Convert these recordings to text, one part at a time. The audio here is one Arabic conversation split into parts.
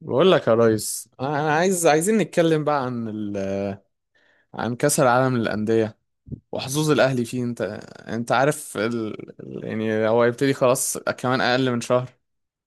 بقول لك يا ريس، انا عايزين نتكلم بقى عن عن كأس العالم للأندية وحظوظ الأهلي فيه. انت عارف يعني هو هيبتدي خلاص، كمان أقل من شهر.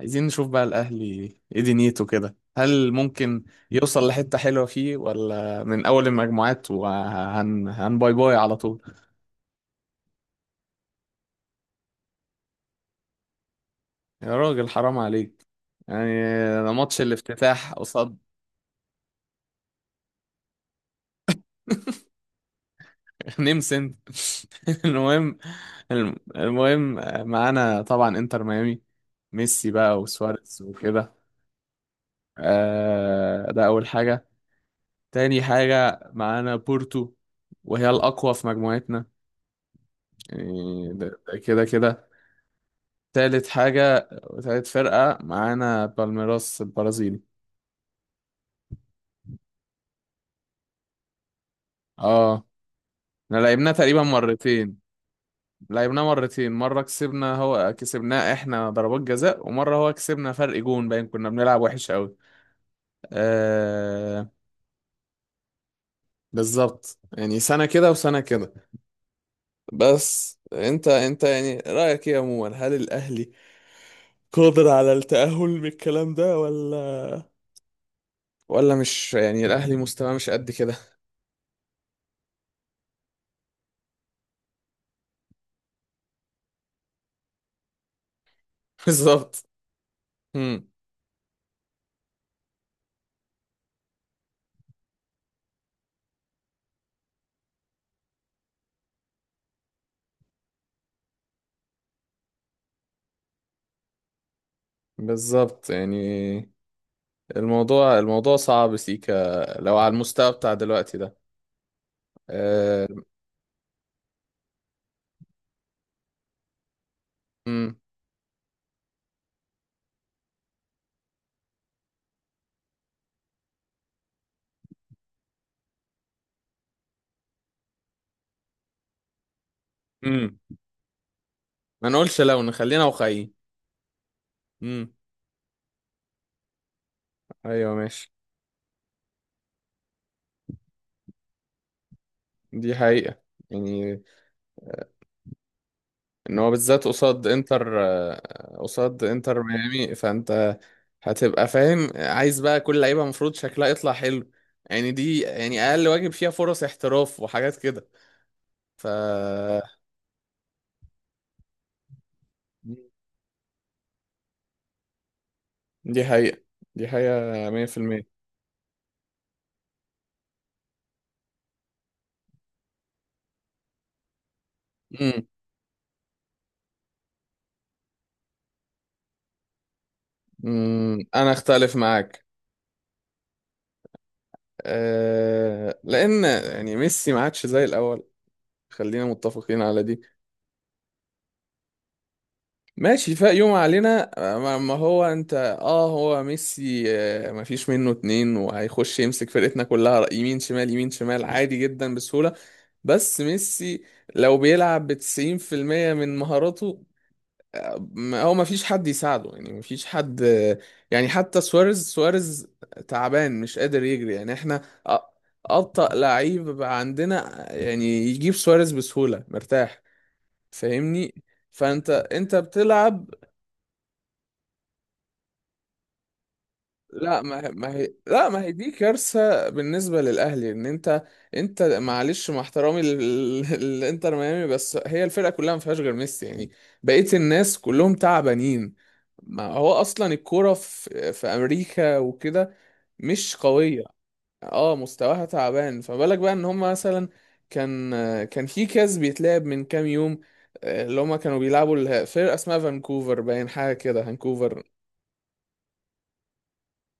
عايزين نشوف بقى الأهلي ايه دنيته كده، هل ممكن يوصل لحتة حلوة فيه، ولا من أول المجموعات وهن باي باي على طول؟ يا راجل حرام عليك، يعني ده ماتش الافتتاح قصاد نيم سنت. المهم، المهم معانا طبعا انتر ميامي، ميسي بقى وسواريز وكده. آه، ده اول حاجة. تاني حاجة معانا بورتو، وهي الأقوى في مجموعتنا، يعني ده كده كده. تالت حاجة وتالت فرقة معانا بالميراس البرازيلي. اه، احنا لعبناه تقريبا مرتين. لعبناه مرتين، مرة كسبنا، هو كسبناه احنا ضربات جزاء، ومرة هو كسبنا فرق جون باين، كنا بنلعب وحش قوي. آه، بالظبط يعني سنة كده وسنة كده. بس انت يعني رأيك ايه عموما؟ هل الأهلي قادر على التأهل من الكلام ده، ولا مش يعني الأهلي مستواه مش قد كده؟ بالظبط. مم. بالظبط يعني الموضوع صعب سيكا، لو على المستوى بتاع دلوقتي ده. آه. مم. مم. ما نقولش لو، نخلينا واقعيين. مم. ايوه ماشي. دي حقيقة، يعني ان هو بالذات قصاد انتر قصاد انتر ميامي، فانت هتبقى فاهم. عايز بقى كل لعيبه المفروض شكلها يطلع حلو، يعني دي يعني اقل واجب، فيها فرص احتراف وحاجات كده. ف دي حقيقة. دي حقيقة 100%. امم. أمم، انا اختلف معاك. لان يعني ميسي ما عادش زي الاول. خلينا متفقين على دي. ماشي، فاق يوم علينا. ما هو انت اه، هو ميسي ما فيش منه اتنين، وهيخش يمسك فرقتنا كلها، يمين شمال يمين شمال، عادي جدا بسهولة. بس ميسي لو بيلعب بتسعين في المية من مهاراته، هو ما فيش حد يساعده، يعني ما فيش حد يعني حتى سواريز تعبان مش قادر يجري، يعني احنا أ- أبطأ لعيب بقى عندنا يعني يجيب سواريز بسهولة مرتاح، فاهمني؟ فانت بتلعب. لا ما هي دي كارثة بالنسبة للأهلي إن أنت. أنت معلش، مع احترامي للإنتر ميامي، بس هي الفرقة كلها ما فيهاش غير ميسي يعني، بقية الناس كلهم تعبانين. ما هو أصلا الكورة في أمريكا وكده مش قوية. اه، مستواها تعبان، فما بالك بقى إن هما مثلا كان، في كاس بيتلعب من كام يوم. اللي هما كانوا بيلعبوا الفرقة اسمها فانكوفر باين حاجة كده، فانكوفر.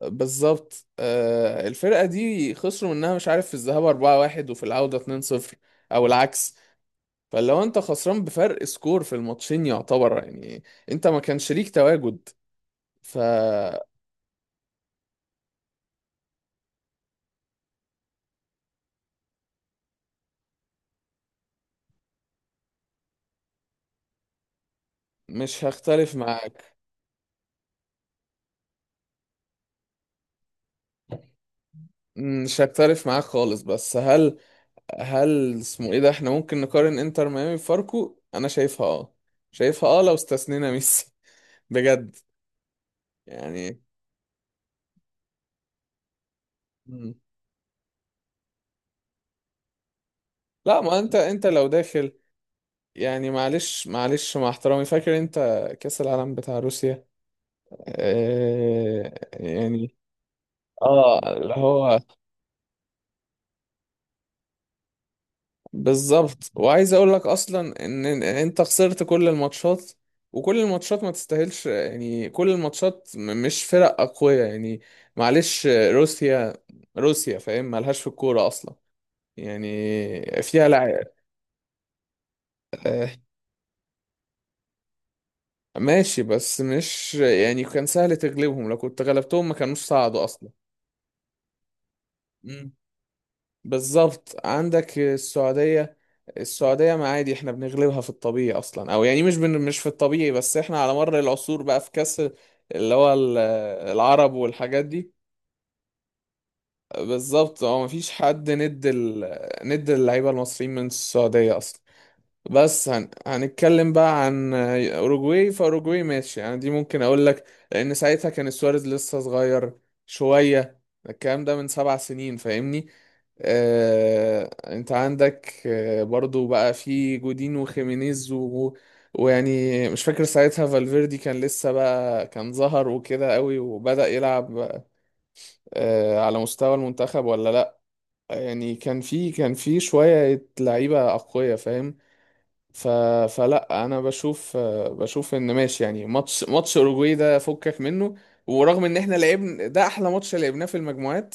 بالظبط الفرقة دي خسروا منها، مش عارف في الذهاب 4-1 وفي العودة 2-0، او العكس. فلو انت خسران بفرق سكور في الماتشين يعتبر يعني انت ما كان شريك تواجد، فمش هختلف معاك. مش هختلف معاك خالص، بس هل، هل اسمه ايه ده احنا ممكن نقارن انتر ميامي بفاركو؟ انا شايفها اه، شايفها اه لو استثنينا ميسي. بجد يعني. مم. لا، ما انت لو داخل، يعني معلش معلش مع احترامي، فاكر انت كأس العالم بتاع روسيا؟ يعني اه، اللي هو بالظبط. وعايز اقول لك اصلا ان، انت خسرت كل الماتشات، وكل الماتشات ما تستاهلش، يعني كل الماتشات مش فرق اقوياء يعني. معلش روسيا، روسيا فاهم مالهاش في الكورة اصلا، يعني فيها آه ماشي. بس مش يعني كان سهل تغلبهم، لو كنت غلبتهم ما كانوش صعدوا اصلا. بالظبط، عندك السعودية. السعودية ما عادي، احنا بنغلبها في الطبيعي اصلا، او يعني مش مش في الطبيعي، بس احنا على مر العصور بقى في كاس، اللي هو العرب والحاجات دي. بالظبط، هو مفيش حد ند ند اللعيبة المصريين من السعودية اصلا. بس هنتكلم بقى عن اوروجواي. فاوروجواي ماشي يعني، دي ممكن اقول لك لان ساعتها كان سواريز لسه صغير شوية. الكلام ده من 7 سنين، فاهمني؟ انت عندك برضو بقى في جودين وخيمينيز ويعني مش فاكر ساعتها فالفيردي كان لسه بقى، كان ظهر وكده قوي وبدأ يلعب على مستوى المنتخب ولا لا. يعني كان في شوية لعيبة أقوياء فاهم؟ ف... فلا انا بشوف، بشوف ان ماشي يعني ماتش اوروجواي ده فكك منه، ورغم ان احنا لعبنا ده احلى ماتش لعبناه في المجموعات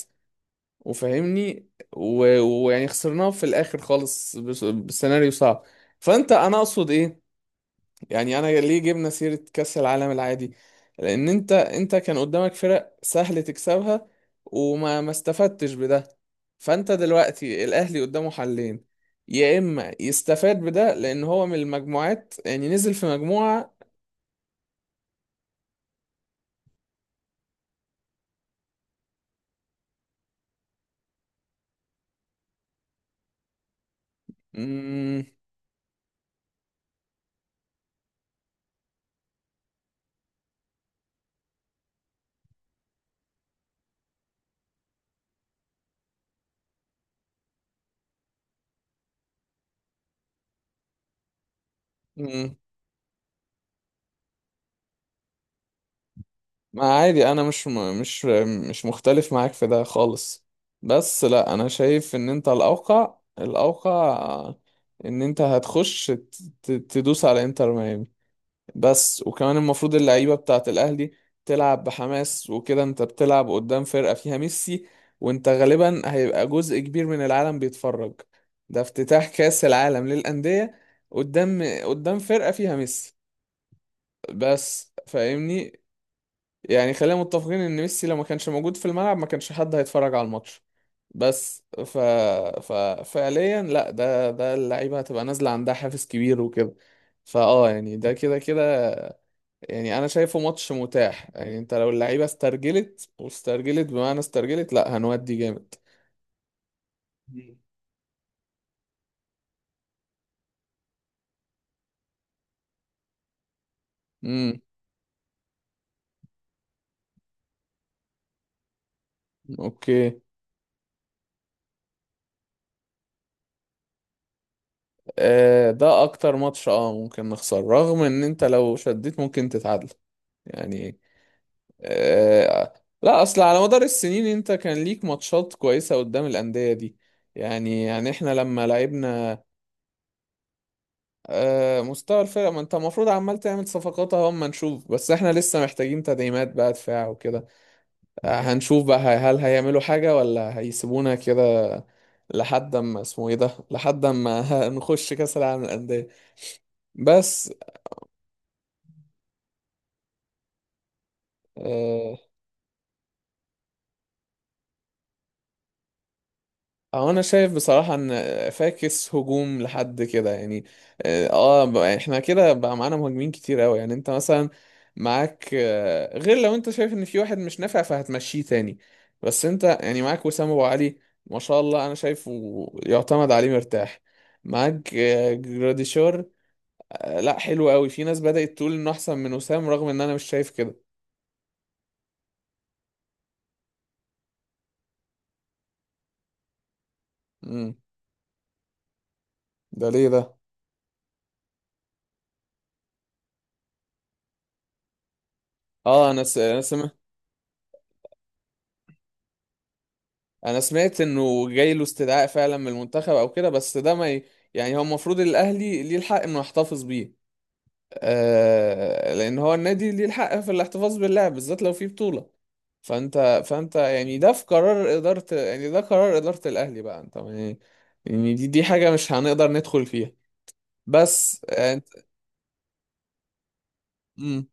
وفاهمني، ويعني خسرناه في الاخر خالص، بسيناريو صعب. فانت، انا اقصد ايه؟ يعني انا ليه جبنا سيرة كأس العالم العادي؟ لان انت كان قدامك فرق سهل تكسبها وما ما استفدتش بده. فانت دلوقتي الاهلي قدامه حلين، يا اما يستفاد بده لان هو من المجموعات يعني نزل في مجموعة. مم. مم. ما عادي، انا مش مش مختلف معاك في ده خالص. بس لا انا شايف ان انت الاوقع، الاوقع ان انت تدوس على انتر ميامي بس. وكمان المفروض اللعيبة بتاعت الأهلي تلعب بحماس وكده. انت بتلعب قدام فرقة فيها ميسي، وانت غالبا هيبقى جزء كبير من العالم بيتفرج، ده افتتاح كأس العالم للأندية، قدام فرقة فيها ميسي، بس فاهمني. يعني خلينا متفقين ان ميسي لو ما كانش موجود في الملعب، ما كانش حد هيتفرج على الماتش بس. ف... فعليا لا، ده اللعيبة هتبقى نازلة عندها حافز كبير وكده، فاه يعني ده كده كده. يعني انا شايفه ماتش متاح، يعني انت لو اللعيبه استرجلت واسترجلت بمعنى استرجلت، لا هنودي جامد. مم. امم. اوكي. آه ده اكتر ماتش اه ممكن نخسر، رغم ان انت لو شديت ممكن تتعادل يعني. آه. لا اصل على مدار السنين، انت كان ليك ماتشات كويسة قدام الأندية دي، يعني احنا لما لعبنا. آه، مستوى الفرق، ما انت المفروض عمال تعمل صفقات اهو اما نشوف، بس احنا لسه محتاجين تدعيمات بقى، دفاع وكده. هنشوف بقى هل هيعملوا حاجة ولا هيسيبونا كده، لحد ما اسمه ايه ده، لحد ما نخش كأس العالم للأندية بس. آه أو انا شايف بصراحة ان فاكس هجوم لحد كده يعني. اه بقى احنا كده بقى معانا مهاجمين كتير قوي، يعني انت مثلا معاك غير لو انت شايف ان في واحد مش نافع فهتمشيه تاني. بس انت يعني معاك وسام ابو علي، ما شاء الله، انا شايفه يعتمد عليه مرتاح. معاك جراديشار لا، حلو قوي. في ناس بدأت تقول انه احسن من وسام، رغم ان انا مش شايف كده. امم. ده ليه ده؟ اه انا انا سمعت، انا سمعت انه جاي له استدعاء فعلا من المنتخب او كده، بس ده ما ي... يعني هو المفروض الاهلي ليه الحق انه يحتفظ بيه، لان هو النادي ليه الحق في الاحتفاظ باللاعب بالذات لو في بطولة. فانت يعني ده في قرار إدارة، يعني ده قرار إدارة الاهلي بقى انت يعني. يعني دي حاجة مش هنقدر ندخل فيها بس انت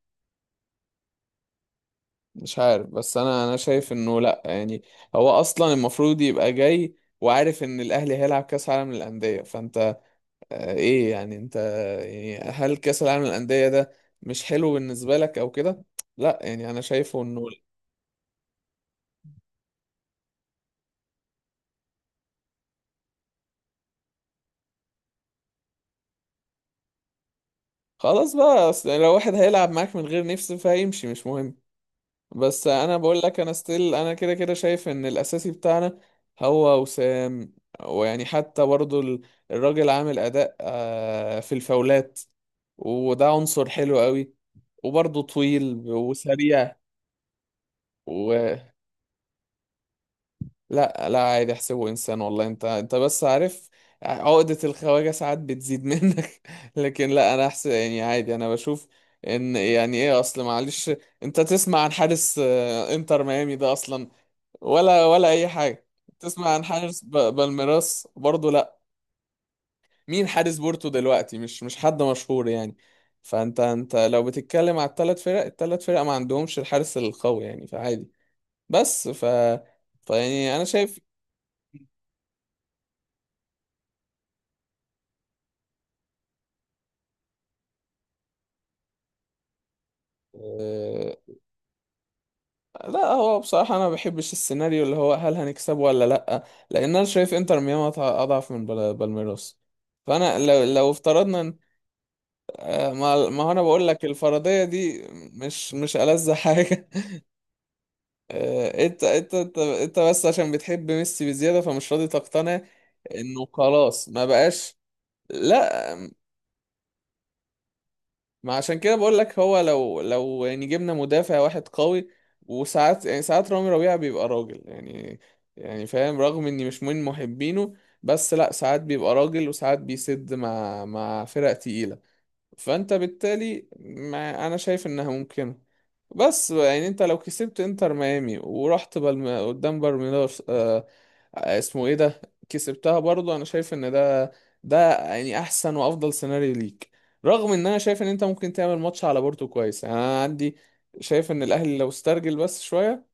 مش عارف. بس انا شايف انه لا يعني هو اصلا المفروض يبقى جاي وعارف ان الاهلي هيلعب كاس عالم للانديه، فانت ايه يعني انت، يعني هل كاس العالم للانديه ده مش حلو بالنسبه لك او كده؟ لا يعني انا شايفه انه خلاص بقى، اصل لو واحد هيلعب معاك من غير نفس فهيمشي مش مهم. بس انا بقول لك، ستيل انا كده كده شايف ان الاساسي بتاعنا هو وسام. ويعني حتى برضو الراجل عامل اداء في الفاولات، وده عنصر حلو قوي، وبرضو طويل وسريع. ولا. لا لا، عادي احسبه انسان، والله انت بس عارف، عقدة الخواجة ساعات بتزيد منك. لكن لا، انا احسن يعني عادي، انا بشوف ان يعني ايه اصل معلش. انت تسمع عن حارس انتر ميامي ده اصلا ولا اي حاجه؟ تسمع عن حارس بالميراس برضه؟ لا. مين حارس بورتو دلوقتي؟ مش حد مشهور يعني. فانت لو بتتكلم على الثلاث فرق، ما عندهمش الحارس القوي يعني، فعادي. بس ف فيعني انا شايف آه، لا، هو بصراحة أنا ما بحبش السيناريو اللي هو هل هنكسبه ولا لأ. لأن أنا شايف إنتر ميامي أضعف من بالميراس. فأنا لو افترضنا آه، ما ما هو أنا بقول لك الفرضية دي، مش ألذ حاجة. آه، انت بس عشان بتحب ميسي بزيادة فمش راضي تقتنع انه خلاص ما بقاش. لا، ما عشان كده بقول لك، هو لو يعني جبنا مدافع واحد قوي، وساعات يعني ساعات رامي ربيعة بيبقى راجل يعني، يعني فاهم، رغم اني مش من محبينه. بس لا، ساعات بيبقى راجل، وساعات بيسد مع فرق تقيلة. فانت بالتالي ما انا شايف انها ممكنه. بس يعني انت لو كسبت انتر ميامي ورحت قدام بالميراس اسمه ايه ده، كسبتها برضو. انا شايف ان ده يعني احسن وافضل سيناريو ليك، رغم ان انا شايف ان انت ممكن تعمل ماتش على بورتو كويس يعني. انا عندي شايف ان الاهلي لو استرجل بس شوية،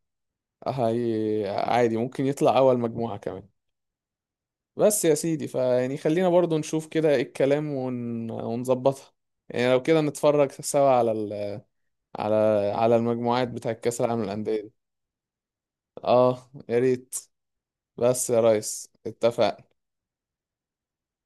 هي عادي ممكن يطلع اول مجموعة كمان. بس يا سيدي فيعني خلينا برضو نشوف كده ايه الكلام ونظبطها. يعني لو كده نتفرج سوا على على على المجموعات بتاع كأس العالم للأندية دي. اه يا ريت، بس يا ريس اتفق